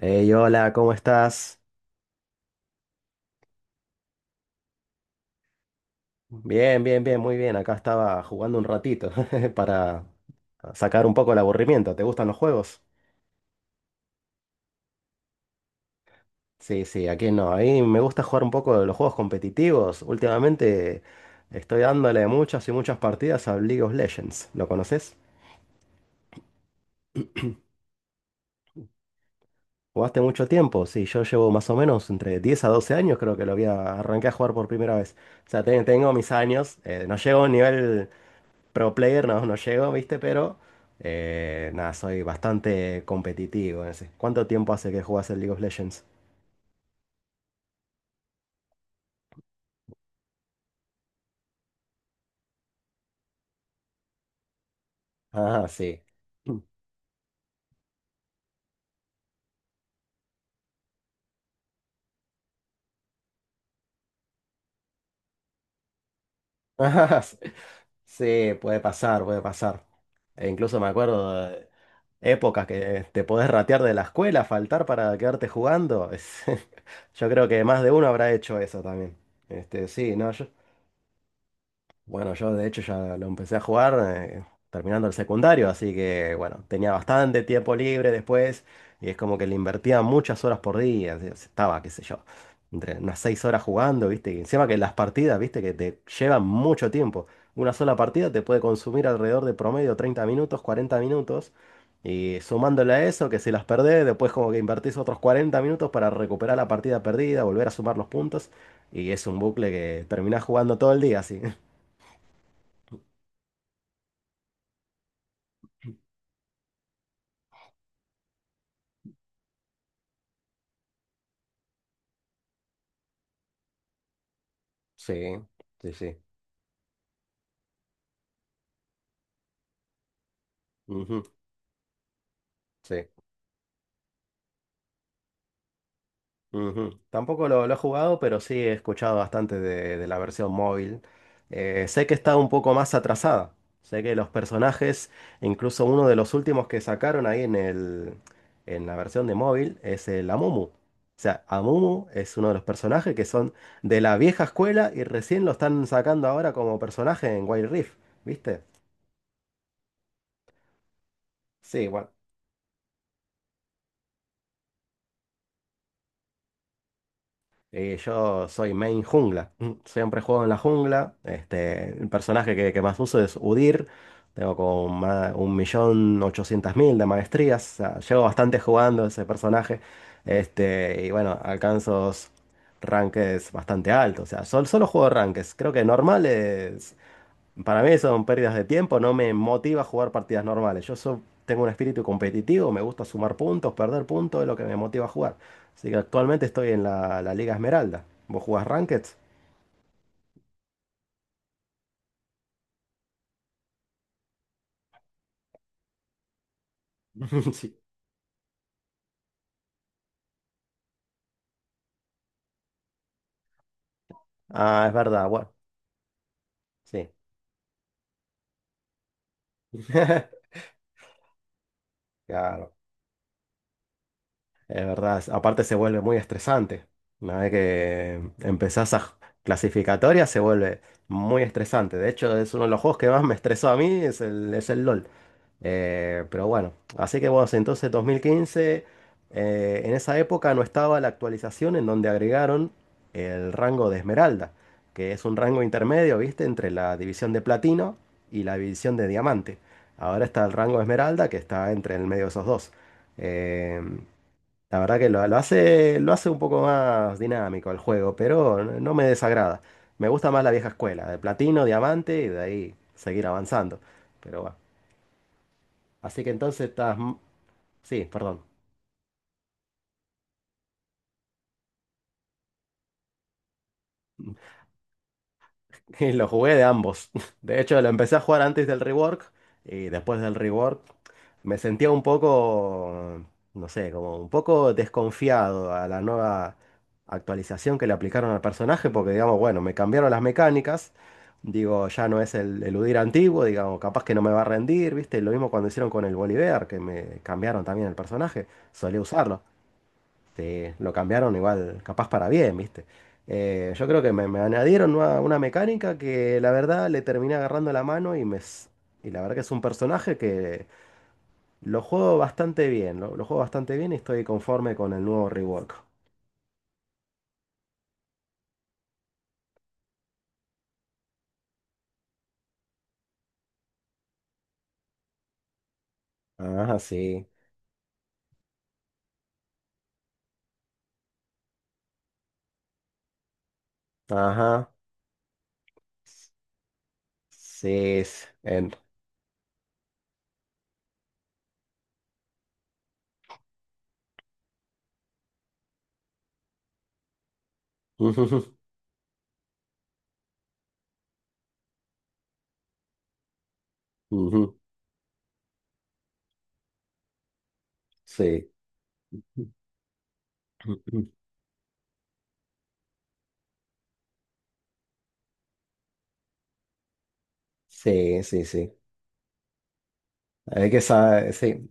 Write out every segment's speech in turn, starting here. Hey, hola, ¿cómo estás? Bien, bien, bien, muy bien. Acá estaba jugando un ratito para sacar un poco el aburrimiento. ¿Te gustan los juegos? Sí, sí, aquí no. A mí me gusta jugar un poco de los juegos competitivos. Últimamente estoy dándole muchas y muchas partidas a League of Legends. ¿Lo conoces? ¿Jugaste mucho tiempo? Sí, yo llevo más o menos entre 10 a 12 años, creo que lo había arranqué a jugar por primera vez. O sea, tengo mis años, no llego a un nivel pro player, no, no llego, ¿viste? Pero nada, soy bastante competitivo. En ese. ¿Cuánto tiempo hace que jugás el League of Legends? Ah, sí. Ah, sí. Sí, puede pasar, puede pasar. E incluso me acuerdo de épocas que te podés ratear de la escuela, faltar para quedarte jugando. Yo creo que más de uno habrá hecho eso también. Sí, no, yo. Bueno, yo de hecho ya lo empecé a jugar terminando el secundario, así que bueno, tenía bastante tiempo libre después y es como que le invertía muchas horas por día, estaba, qué sé yo, entre unas 6 horas jugando, ¿viste? Y encima que las partidas, ¿viste? Que te llevan mucho tiempo. Una sola partida te puede consumir alrededor de promedio 30 minutos, 40 minutos y sumándole a eso, que si las perdés, después como que invertís otros 40 minutos para recuperar la partida perdida, volver a sumar los puntos y es un bucle que terminás jugando todo el día, así. Sí, sí, sí. Ujú, sí. Ujú. Tampoco lo he jugado, pero sí he escuchado bastante de la versión móvil. Sé que está un poco más atrasada. Sé que los personajes, incluso uno de los últimos que sacaron ahí en el, en la versión de móvil, es el Amumu. O sea, Amumu es uno de los personajes que son de la vieja escuela y recién lo están sacando ahora como personaje en Wild Rift, ¿viste? Sí, bueno. Y yo soy main jungla. Siempre juego en la jungla. El personaje que más uso es Udyr. Tengo como 1.800.000 de maestrías. O sea, llevo bastante jugando ese personaje. Y bueno, alcanzo ranques bastante altos. O sea, solo juego ranques. Creo que normales para mí eso son pérdidas de tiempo, no me motiva a jugar partidas normales. Yo tengo un espíritu competitivo, me gusta sumar puntos, perder puntos, es lo que me motiva a jugar. Así que actualmente estoy en la Liga Esmeralda. ¿Vos jugás Ranked? Sí. Ah, es verdad, bueno, sí. Claro, es verdad. Aparte se vuelve muy estresante. Una vez que empezás a clasificatoria se vuelve muy estresante. De hecho, es uno de los juegos que más me estresó a mí, es el LOL. Pero bueno, así que bueno, entonces 2015, en esa época no estaba la actualización en donde agregaron el rango de esmeralda, que es un rango intermedio, ¿viste? Entre la división de platino y la división de diamante. Ahora está el rango de esmeralda que está entre el medio de esos dos. Eh, la verdad que lo hace un poco más dinámico el juego, pero no me desagrada. Me gusta más la vieja escuela, de platino, diamante y de ahí seguir avanzando. Pero bueno. Así que entonces estás. Sí, perdón. Y lo jugué de ambos. De hecho, lo empecé a jugar antes del rework y después del rework me sentía un poco, no sé, como un poco desconfiado a la nueva actualización que le aplicaron al personaje porque, digamos, bueno, me cambiaron las mecánicas. Digo, ya no es el eludir antiguo, digamos, capaz que no me va a rendir, ¿viste? Lo mismo cuando hicieron con el Bolívar, que me cambiaron también el personaje. Solía usarlo. Sí, lo cambiaron igual, capaz para bien, ¿viste? Yo creo que me añadieron una mecánica que la verdad le terminé agarrando la mano Y la verdad que es un personaje que lo juego bastante bien, lo juego bastante bien y estoy conforme con el nuevo rework. Ajá, sí. Ajá. Sí, sí. Ujú, ujú. Sí. Sí, sí, sí. Hay que saber, sí.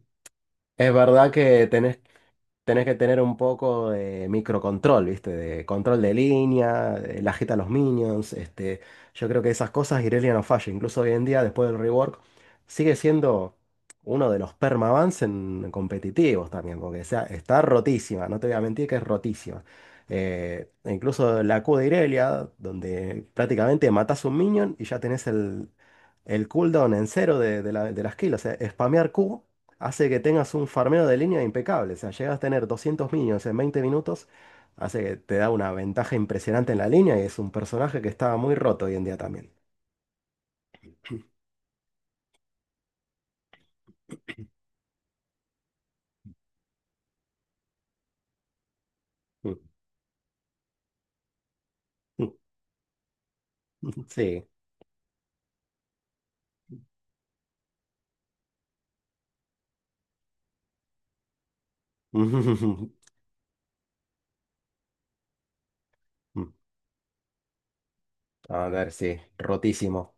Es verdad que tenés que tener un poco de microcontrol, ¿viste? De control de línea, de la jeta a los minions, yo creo que esas cosas Irelia no falla, incluso hoy en día después del rework sigue siendo uno de los permabans en competitivos también, porque o sea, está rotísima, no te voy a mentir que es rotísima. E incluso la Q de Irelia, donde prácticamente matás un minion y ya tenés el cooldown en cero de la skill, o sea, spamear Q hace que tengas un farmeo de línea impecable. O sea, llegas a tener 200 minions en 20 minutos, hace que te da una ventaja impresionante en la línea y es un personaje que está muy roto hoy en día también. Sí. A ver, sí, rotísimo.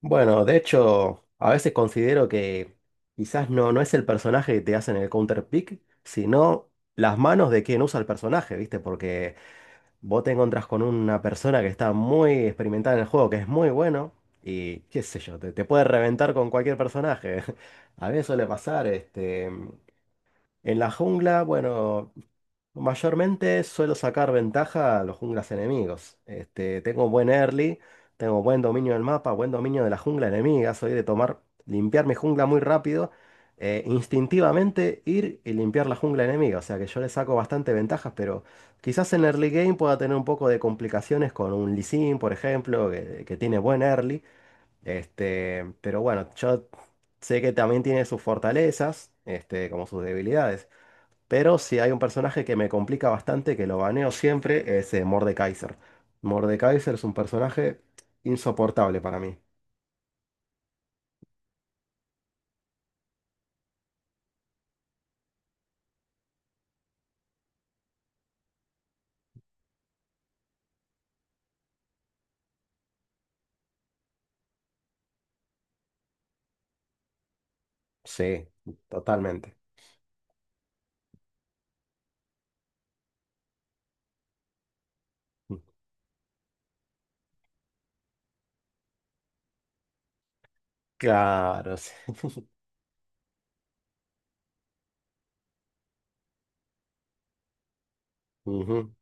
Bueno, de hecho, a veces considero que quizás no, no es el personaje que te hacen el counter pick, sino las manos de quien usa el personaje, ¿viste? Porque vos te encontrás con una persona que está muy experimentada en el juego, que es muy bueno, y qué sé yo, te puede reventar con cualquier personaje. A mí me suele pasar, en la jungla, bueno, mayormente suelo sacar ventaja a los junglas enemigos. Tengo buen early, tengo buen dominio del mapa, buen dominio de la jungla enemiga. Soy de tomar, limpiar mi jungla muy rápido, instintivamente ir y limpiar la jungla enemiga. O sea que yo le saco bastante ventajas, pero quizás en early game pueda tener un poco de complicaciones con un Lee Sin, por ejemplo, que tiene buen early. Pero bueno, yo sé que también tiene sus fortalezas, como sus debilidades. Pero si hay un personaje que me complica bastante, que lo baneo siempre, es Mordekaiser. Mordekaiser es un personaje insoportable para mí. Sí, totalmente. Mm. Claro, sí. Ujú.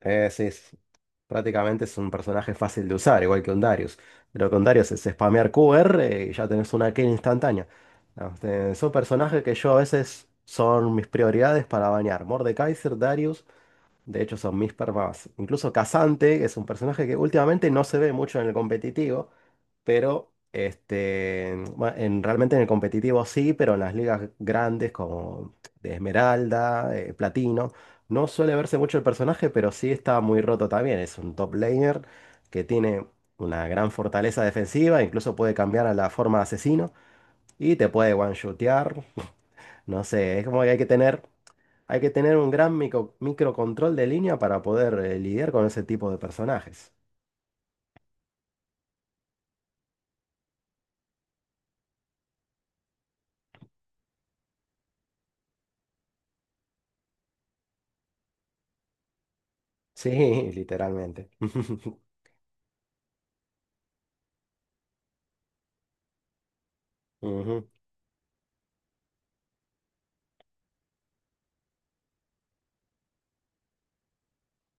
Sí, sí. Sí. Prácticamente es un personaje fácil de usar, igual que un Darius. Lo que un Darius es spamear QR y ya tenés una kill instantánea. Ah, son personajes que yo a veces son mis prioridades para bañar. Mordekaiser, Darius. De hecho, son mis permas. Incluso Casante, que es un personaje que últimamente no se ve mucho en el competitivo, pero bueno, en, realmente en el competitivo sí, pero en las ligas grandes como de Esmeralda, Platino, no suele verse mucho el personaje, pero sí está muy roto también. Es un top laner que tiene una gran fortaleza defensiva, incluso puede cambiar a la forma de asesino y te puede one-shotear. No sé, es como que hay que tener un gran microcontrol de línea para poder lidiar con ese tipo de personajes. Sí, literalmente. Ujú.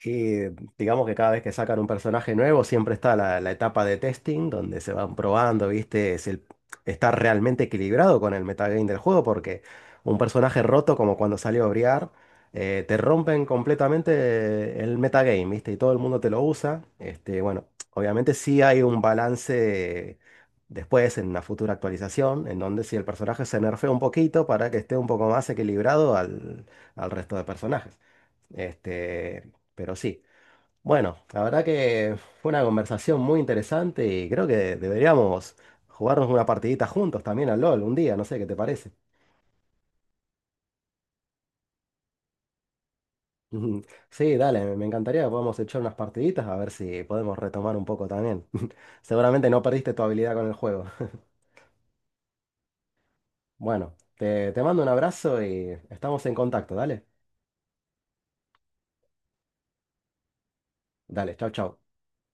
Y digamos que cada vez que sacan un personaje nuevo, siempre está la etapa de testing, donde se van probando, ¿viste? Si el- Está realmente equilibrado con el metagame del juego, porque un personaje roto, como cuando salió Briar, te rompen completamente el metagame, ¿viste? Y todo el mundo te lo usa. Bueno, obviamente sí hay un balance después en una futura actualización, en donde si el personaje se nerfea un poquito para que esté un poco más equilibrado al resto de personajes. Este, pero sí. Bueno, la verdad que fue una conversación muy interesante y creo que deberíamos jugarnos una partidita juntos también al LOL un día, no sé qué te parece. Ujú. Sí, dale, me encantaría que podamos echar unas partiditas a ver si podemos retomar un poco también. Seguramente no perdiste tu habilidad con el juego. Bueno, te mando un abrazo y estamos en contacto, dale. Dale, chau, chau.